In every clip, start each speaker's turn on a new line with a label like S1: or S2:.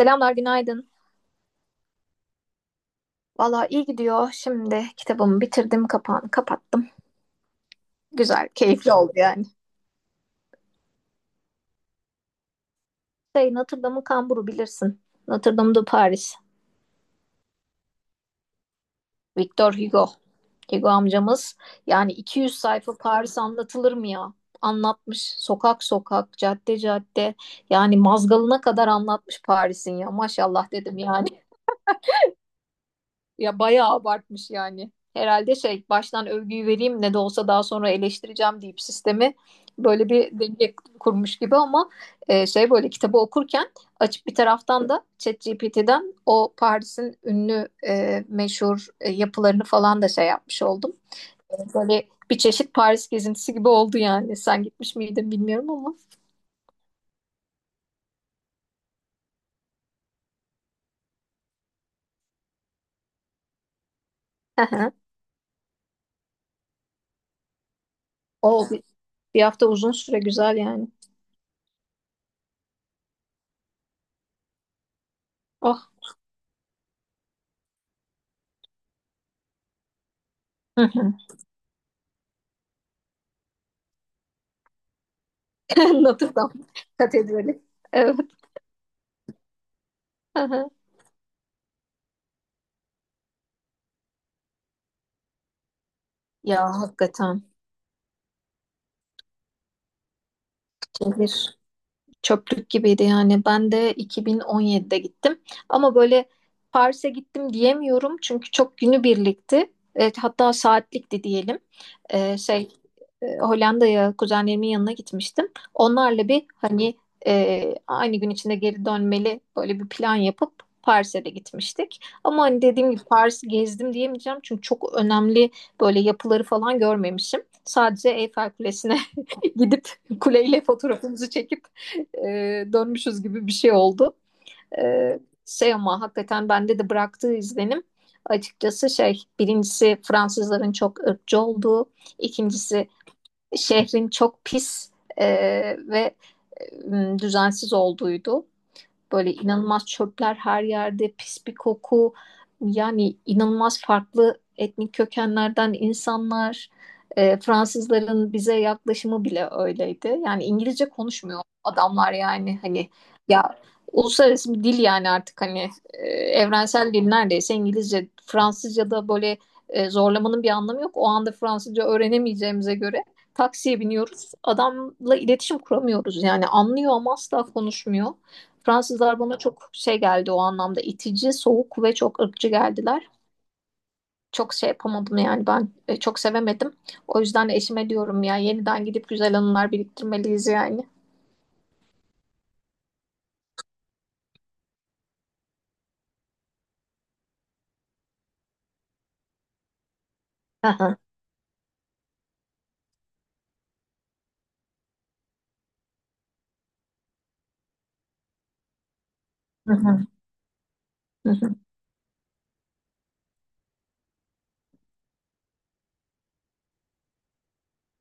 S1: Selamlar, günaydın. Valla iyi gidiyor. Şimdi kitabımı bitirdim, kapağını kapattım. Güzel, keyifli oldu yani. Şey, Notre Dame'ın kamburu bilirsin. Notre Dame de Paris. Victor Hugo. Hugo amcamız. Yani 200 sayfa Paris anlatılır mı ya? Anlatmış. Sokak sokak, cadde cadde. Yani mazgalına kadar anlatmış Paris'in ya. Maşallah dedim yani. Ya bayağı abartmış yani. Herhalde şey baştan övgüyü vereyim ne de olsa daha sonra eleştireceğim deyip sistemi böyle bir denge kurmuş gibi ama şey böyle kitabı okurken açıp bir taraftan da ChatGPT'den o Paris'in ünlü meşhur yapılarını falan da şey yapmış oldum. Böyle bir çeşit Paris gezintisi gibi oldu yani. Sen gitmiş miydin bilmiyorum ama. Hı hı. O bir hafta uzun süre güzel yani. Oh. Hı hı. Notre Dame Katedrali. Evet. Ya hakikaten. Şehir, çöplük gibiydi yani. Ben de 2017'de gittim. Ama böyle Paris'e gittim diyemiyorum çünkü çok günübirlikti. Evet, hatta saatlikti diyelim. Şey Hollanda'ya kuzenlerimin yanına gitmiştim. Onlarla bir hani aynı gün içinde geri dönmeli böyle bir plan yapıp Paris'e de gitmiştik. Ama hani dediğim gibi Paris'i gezdim diyemeyeceğim çünkü çok önemli böyle yapıları falan görmemişim. Sadece Eyfel Kulesi'ne gidip kuleyle fotoğrafımızı çekip dönmüşüz gibi bir şey oldu. E, şey ama hakikaten bende de bıraktığı izlenim açıkçası şey birincisi Fransızların çok ırkçı olduğu, ikincisi şehrin çok pis e, ve düzensiz olduğuydu. Böyle inanılmaz çöpler her yerde, pis bir koku. Yani inanılmaz farklı etnik kökenlerden insanlar. Fransızların bize yaklaşımı bile öyleydi. Yani İngilizce konuşmuyor adamlar yani hani ya uluslararası bir dil yani artık hani evrensel dil neredeyse İngilizce, Fransızca da böyle zorlamanın bir anlamı yok. O anda Fransızca öğrenemeyeceğimize göre taksiye biniyoruz. Adamla iletişim kuramıyoruz. Yani anlıyor ama asla konuşmuyor. Fransızlar bana çok şey geldi o anlamda itici, soğuk ve çok ırkçı geldiler. Çok şey yapamadım yani ben çok sevemedim. O yüzden de eşime diyorum ya yeniden gidip güzel anılar biriktirmeliyiz yani. Hı hı, hı hı, hı hı.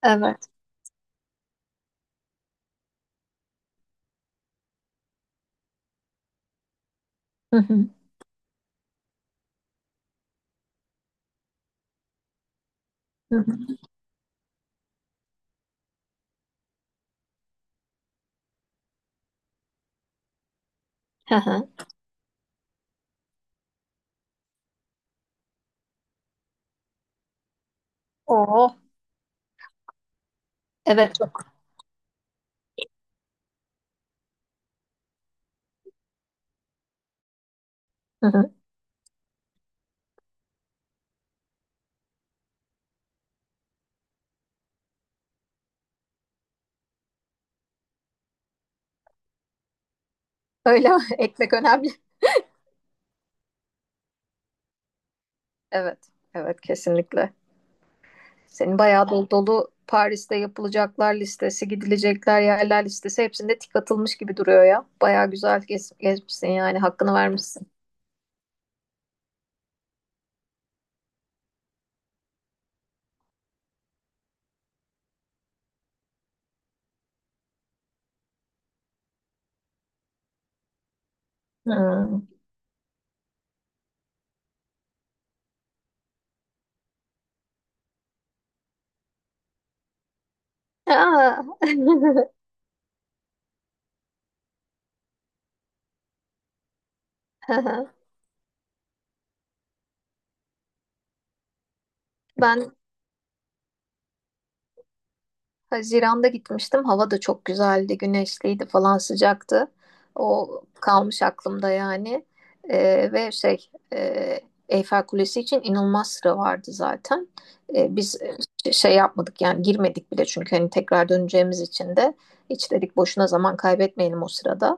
S1: Evet. Hı hı, hı hı, hı hı. Oo, evet çok. Hı hı. Öyle mi? Ekmek önemli. Evet, evet kesinlikle. Senin bayağı dolu dolu Paris'te yapılacaklar listesi, gidilecekler yerler listesi hepsinde tik atılmış gibi duruyor ya. Bayağı güzel gezmişsin yani hakkını vermişsin. Hmm. Aa. Ben Haziran'da gitmiştim. Hava da çok güzeldi, güneşliydi falan sıcaktı. O kalmış aklımda yani. Ve şey Eyfel Kulesi için inanılmaz sıra vardı zaten. Biz şey yapmadık yani girmedik bile çünkü hani tekrar döneceğimiz için de hiç dedik boşuna zaman kaybetmeyelim o sırada.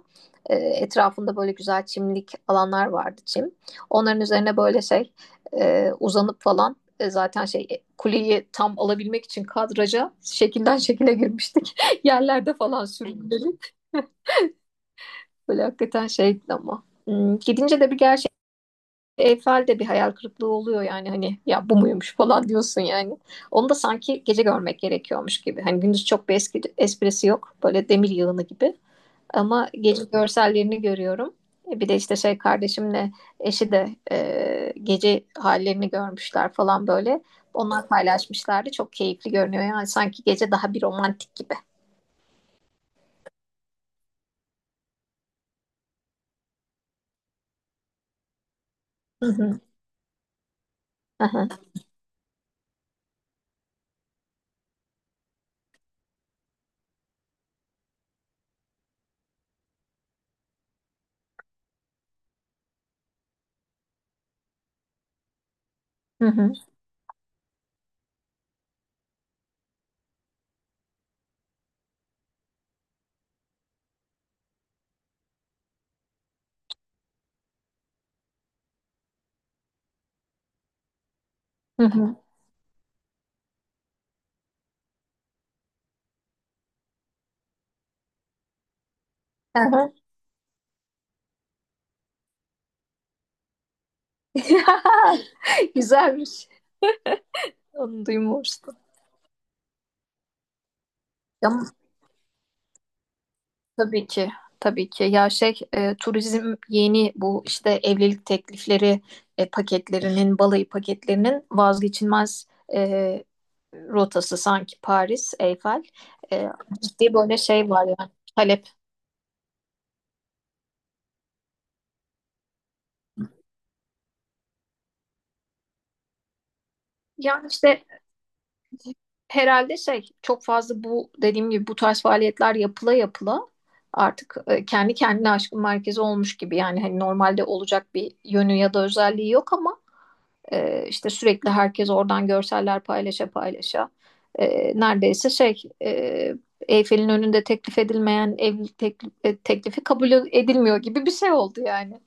S1: Etrafında böyle güzel çimlik alanlar vardı çim. Onların üzerine böyle şey uzanıp falan zaten şey kuleyi tam alabilmek için kadraja şekilden şekile girmiştik. Yerlerde falan sürünüp böyle hakikaten şeydi ama. Gidince de bir gerçek Eyfel'de bir hayal kırıklığı oluyor yani hani ya bu muymuş falan diyorsun yani. Onu da sanki gece görmek gerekiyormuş gibi. Hani gündüz çok bir eski, esprisi yok. Böyle demir yığını gibi. Ama gece görsellerini görüyorum. Bir de işte şey kardeşimle eşi de gece hallerini görmüşler falan böyle. Onlar paylaşmışlardı. Çok keyifli görünüyor. Yani sanki gece daha bir romantik gibi. Hı hı. Aha, hı hı, hı hı, aha. Güzelmiş. Onu duymamıştım. Ya tabii ki, tabii ki. Ya şey, turizm yeni bu işte evlilik teklifleri paketlerinin, balayı paketlerinin vazgeçilmez e, rotası sanki Paris, Eyfel. E, ciddi böyle şey var yani talep. Yani işte herhalde şey çok fazla bu dediğim gibi bu tarz faaliyetler yapıla yapıla artık kendi kendine aşkın merkezi olmuş gibi. Yani hani normalde olacak bir yönü ya da özelliği yok ama işte sürekli herkes oradan görseller paylaşa paylaşa. Neredeyse şey Eyfel'in önünde teklif edilmeyen evlilik teklifi kabul edilmiyor gibi bir şey oldu yani.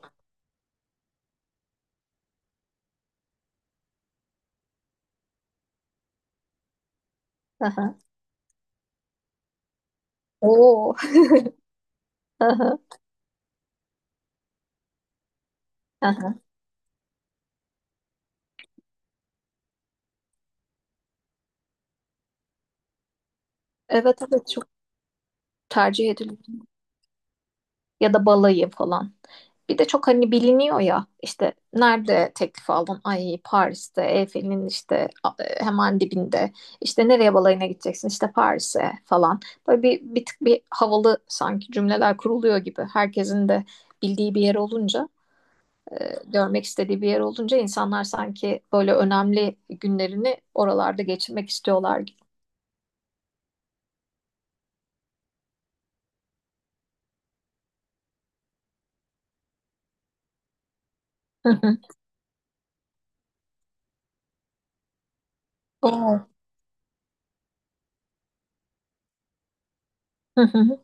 S1: Aha. Oo. Aha. Aha. Evet, evet çok tercih ediliyor. Ya da balayı falan. Bir de çok hani biliniyor ya işte nerede teklif aldın? Ay Paris'te, Eyfel'in işte hemen dibinde. İşte nereye balayına gideceksin? İşte Paris'e falan. Böyle bir tık bir havalı sanki cümleler kuruluyor gibi. Herkesin de bildiği bir yer olunca, görmek istediği bir yer olunca insanlar sanki böyle önemli günlerini oralarda geçirmek istiyorlar gibi. Hı hı. Oo. Hı hı.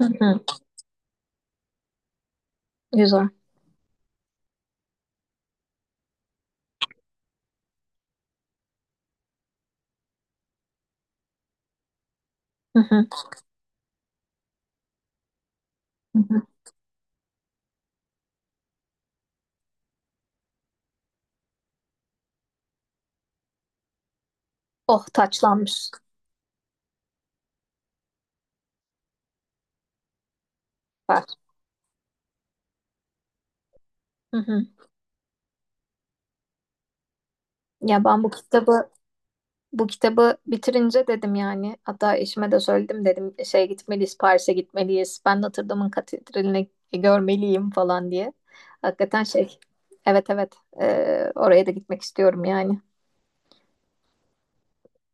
S1: Hı hı. Güzel. Hı hı. Hı hı. Oh, taçlanmış. Süper. Hı hı. Ya ben bu kitabı bitirince dedim yani hatta eşime de söyledim dedim şey gitmeliyiz Paris'e gitmeliyiz ben Notre Dame'ın katedralini görmeliyim falan diye. Hakikaten şey, evet, evet oraya da gitmek istiyorum yani.